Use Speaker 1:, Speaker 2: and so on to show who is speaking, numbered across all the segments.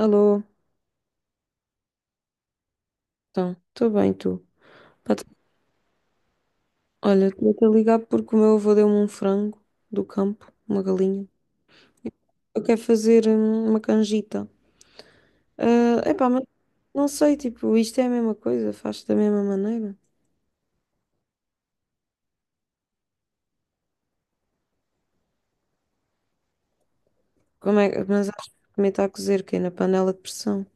Speaker 1: Alô, então, estou bem, tu? Pá, olha, estou a ligar porque o meu avô deu-me um frango do campo, uma galinha. Eu quero fazer uma canjita. Epá, mas não sei, tipo, isto é a mesma coisa, faz da mesma maneira. Como é, mas acho que também está a cozer, que é na panela de pressão.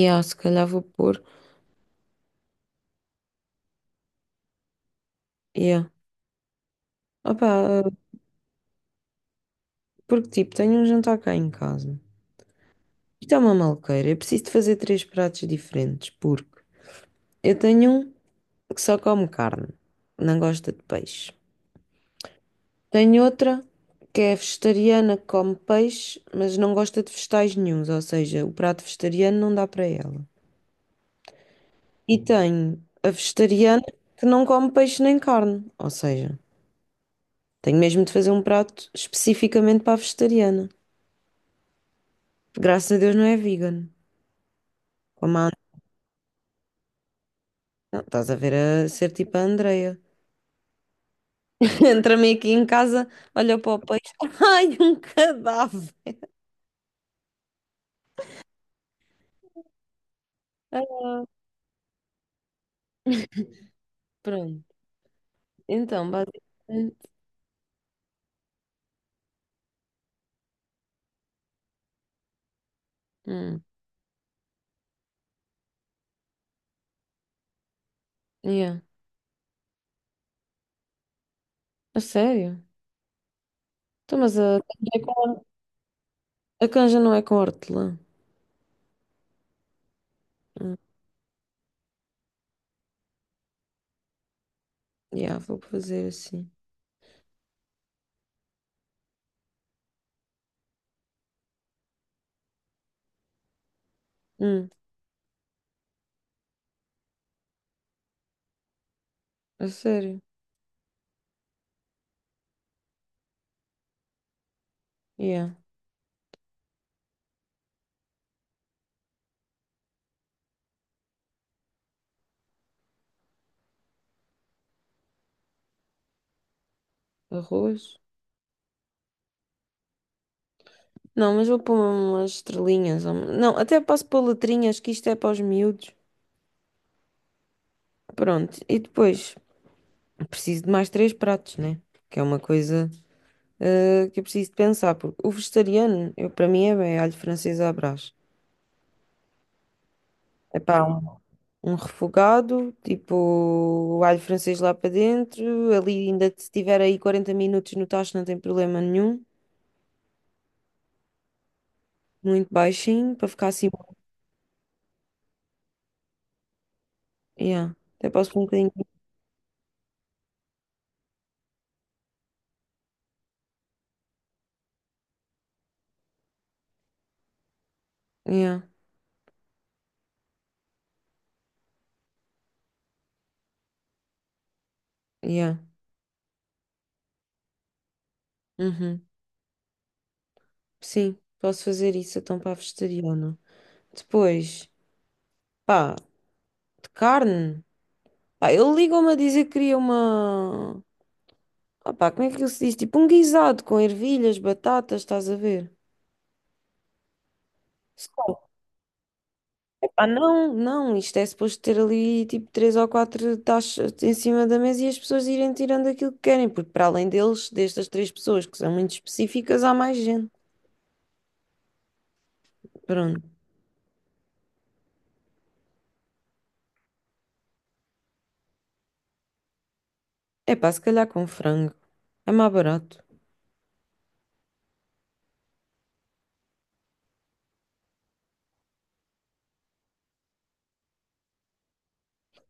Speaker 1: E se calhar vou pôr. Yeah. Opá, porque tipo, tenho um jantar cá em casa. Isto é uma malqueira, eu preciso de fazer três pratos diferentes, porque eu tenho um. Que só come carne, não gosta de peixe. Tem outra que é vegetariana, que come peixe, mas não gosta de vegetais nenhuns, ou seja, o prato vegetariano não dá para ela. E tenho a vegetariana que não come peixe nem carne, ou seja, tenho mesmo de fazer um prato especificamente para a vegetariana. Graças a Deus não é vegan. Como a... Não, estás a ver, a ser tipo a Andreia. Entra-me aqui em casa, olha para o peixe, ai, um cadáver. Pronto, então, basicamente. Hum, yeah. A sério? Então, mas a canja não é com hortelã. Hum, yeah, vou fazer assim. Hum, a sério? Yeah. Arroz? Não, mas vou pôr umas estrelinhas. Não, até posso pôr letrinhas, que isto é para os miúdos. Pronto, e depois preciso de mais três pratos, né? Que é uma coisa que eu preciso de pensar, porque o vegetariano, eu, para mim, é bem alho francês à brás. Epá, um refogado, tipo alho francês lá para dentro. Ali, ainda se tiver aí 40 minutos no tacho, não tem problema nenhum. Muito baixinho, para ficar assim. Yeah. Até posso pôr um bocadinho. Yeah, yeah. Uhum. Sim, posso fazer isso então para a vegetariana. Depois, pá, de carne. Pá, ele ligou-me a dizer que queria uma. Ah, pá, como é que ele se diz? Tipo um guisado com ervilhas, batatas, estás a ver? Ah, não, não, isto é suposto ter ali tipo três ou quatro taxas em cima da mesa e as pessoas irem tirando aquilo que querem, porque para além deles, destas três pessoas que são muito específicas, há mais gente. Pronto. É pá, se calhar com frango. É mais barato.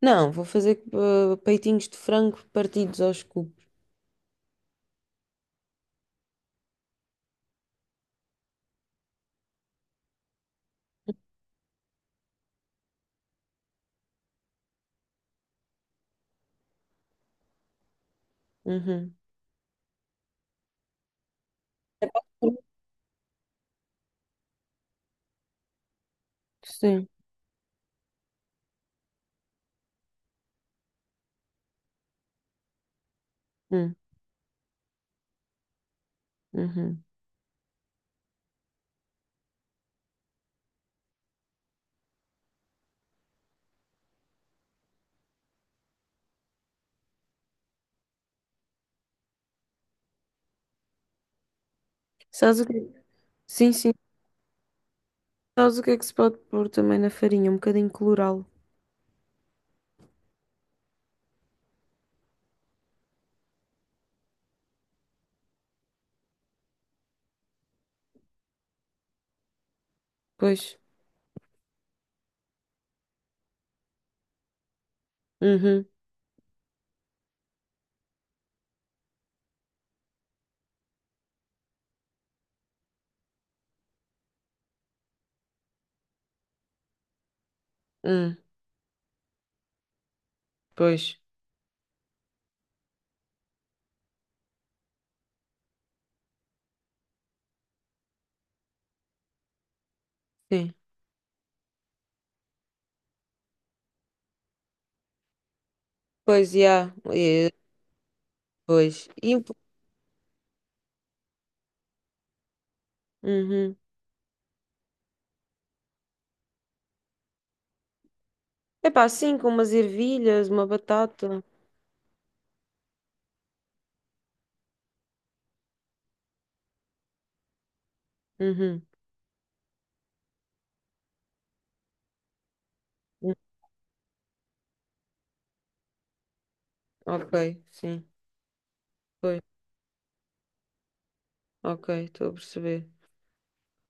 Speaker 1: Não, vou fazer peitinhos de frango partidos aos cubos. Uhum. Sim. Hum, uhum. Sabes o que... Sim, sim. Sabes o que é que se pode pôr também na farinha? Um bocadinho colorau. Pois. Uhum. Hum, pois. Sim. Pois, já. É, pois. Uhum. Epá, sim, com umas ervilhas, uma batata. Uhum. Hum, ok, sim. Pois, ok, estou a perceber.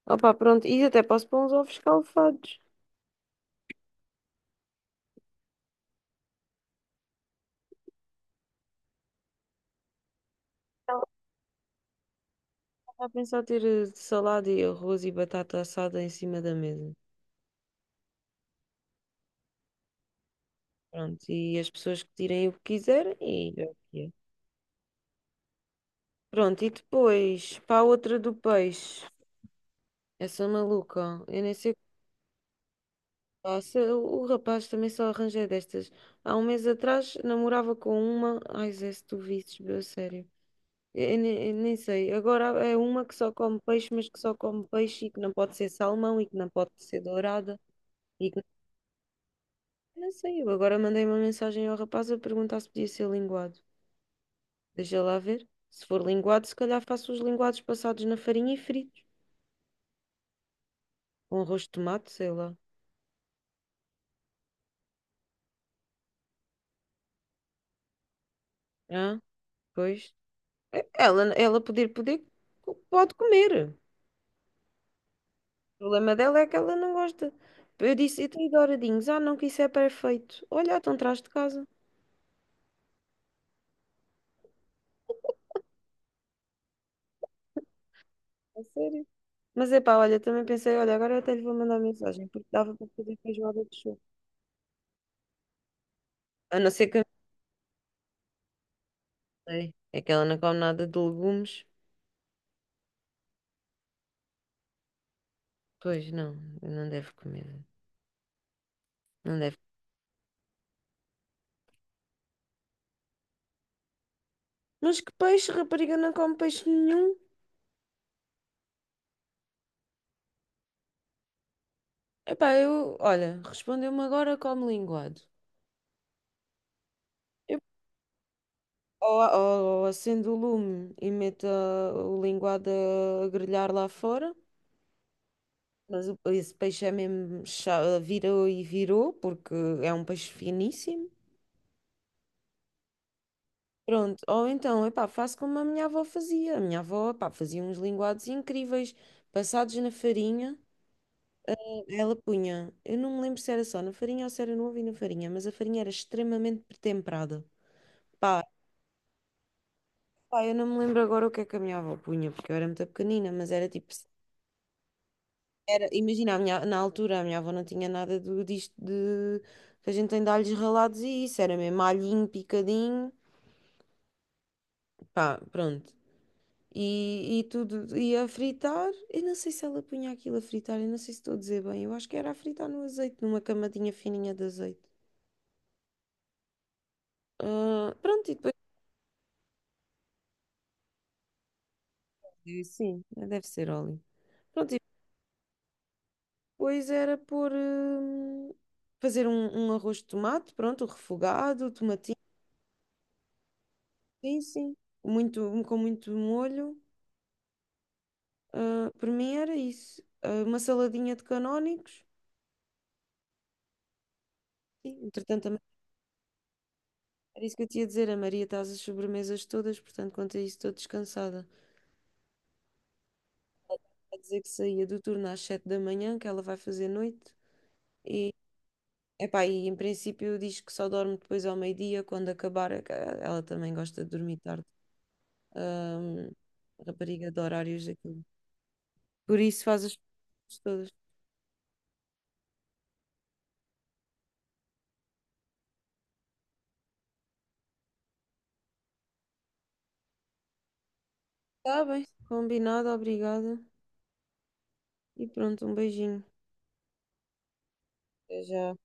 Speaker 1: Opa, pronto. E até posso pôr uns ovos escalfados. Estava a pensar ter salada e arroz e batata assada em cima da mesa. Pronto, e as pessoas que tirem o que quiserem e... é o que é. Pronto, e depois, para a outra do peixe. Essa maluca, eu nem sei. Nossa, o rapaz também só arranjei destas. Há um mês atrás namorava com uma. Ai, Zé, se tu visses, meu, a sério. Eu nem sei. Agora é uma que só come peixe, mas que só come peixe e que não pode ser salmão e que não pode ser dourada. E que não sei. Eu agora mandei uma mensagem ao rapaz a perguntar se podia ser linguado. Deixa lá ver. Se for linguado, se calhar faço os linguados passados na farinha e fritos. Com arroz de tomate, sei lá. Ah, pois. Ela, ela poder, poder, pode comer. O problema dela é que ela não gosta. Eu disse, e tem douradinhos? Ah, não, que isso é perfeito. Olha, então traz de casa. A sério? Mas é pá, olha, também pensei, olha, agora eu até lhe vou mandar mensagem, porque dava para fazer feijoada de chuva. A não ser que eu não sei. É que ela não come nada de legumes. Pois não, não deve comer. Não deve. Mas que peixe, rapariga, não come peixe nenhum. Epá, eu, olha, respondeu-me agora como linguado. Eu, ou acendo o lume e meto o linguado a grelhar lá fora. Mas esse peixe é mesmo, virou e virou, porque é um peixe finíssimo. Pronto, ou então, epá, faço como a minha avó fazia. A minha avó, epá, fazia uns linguados incríveis, passados na farinha. Ela punha, eu não me lembro se era só na farinha ou se era no ovo e na farinha, mas a farinha era extremamente temperada. Pá, pá, eu não me lembro agora o que é que a minha avó punha, porque eu era muito pequenina, mas era tipo... Era, imagina, na altura a minha avó não tinha nada do, disto de que a gente tem de alhos ralados e isso, era mesmo alhinho picadinho, pá, pronto. E tudo ia a fritar. Eu não sei se ela punha aquilo a fritar, eu não sei se estou a dizer bem. Eu acho que era a fritar no azeite, numa camadinha fininha de azeite. Ah, pronto, e depois. Sim, deve ser óleo. Pronto, e depois era pôr. Fazer um, arroz de tomate, pronto, refogado, tomatinho, sim, sim. Muito, com muito molho. Ah, por mim era isso. Ah, uma saladinha de canónicos. Sim, entretanto, também era isso que eu tinha a dizer. A Maria está às sobremesas todas, portanto, quanto a isso, estou descansada. A dizer que saía do turno às 7 da manhã, que ela vai fazer noite. E, epá, e em princípio diz que só dorme depois ao meio-dia, quando acabar. É que ela também gosta de dormir tarde. Ahm, rapariga de horários, aquilo. Por isso faz as coisas todas. Está bem, combinado, obrigada. E pronto, um beijinho. Até já.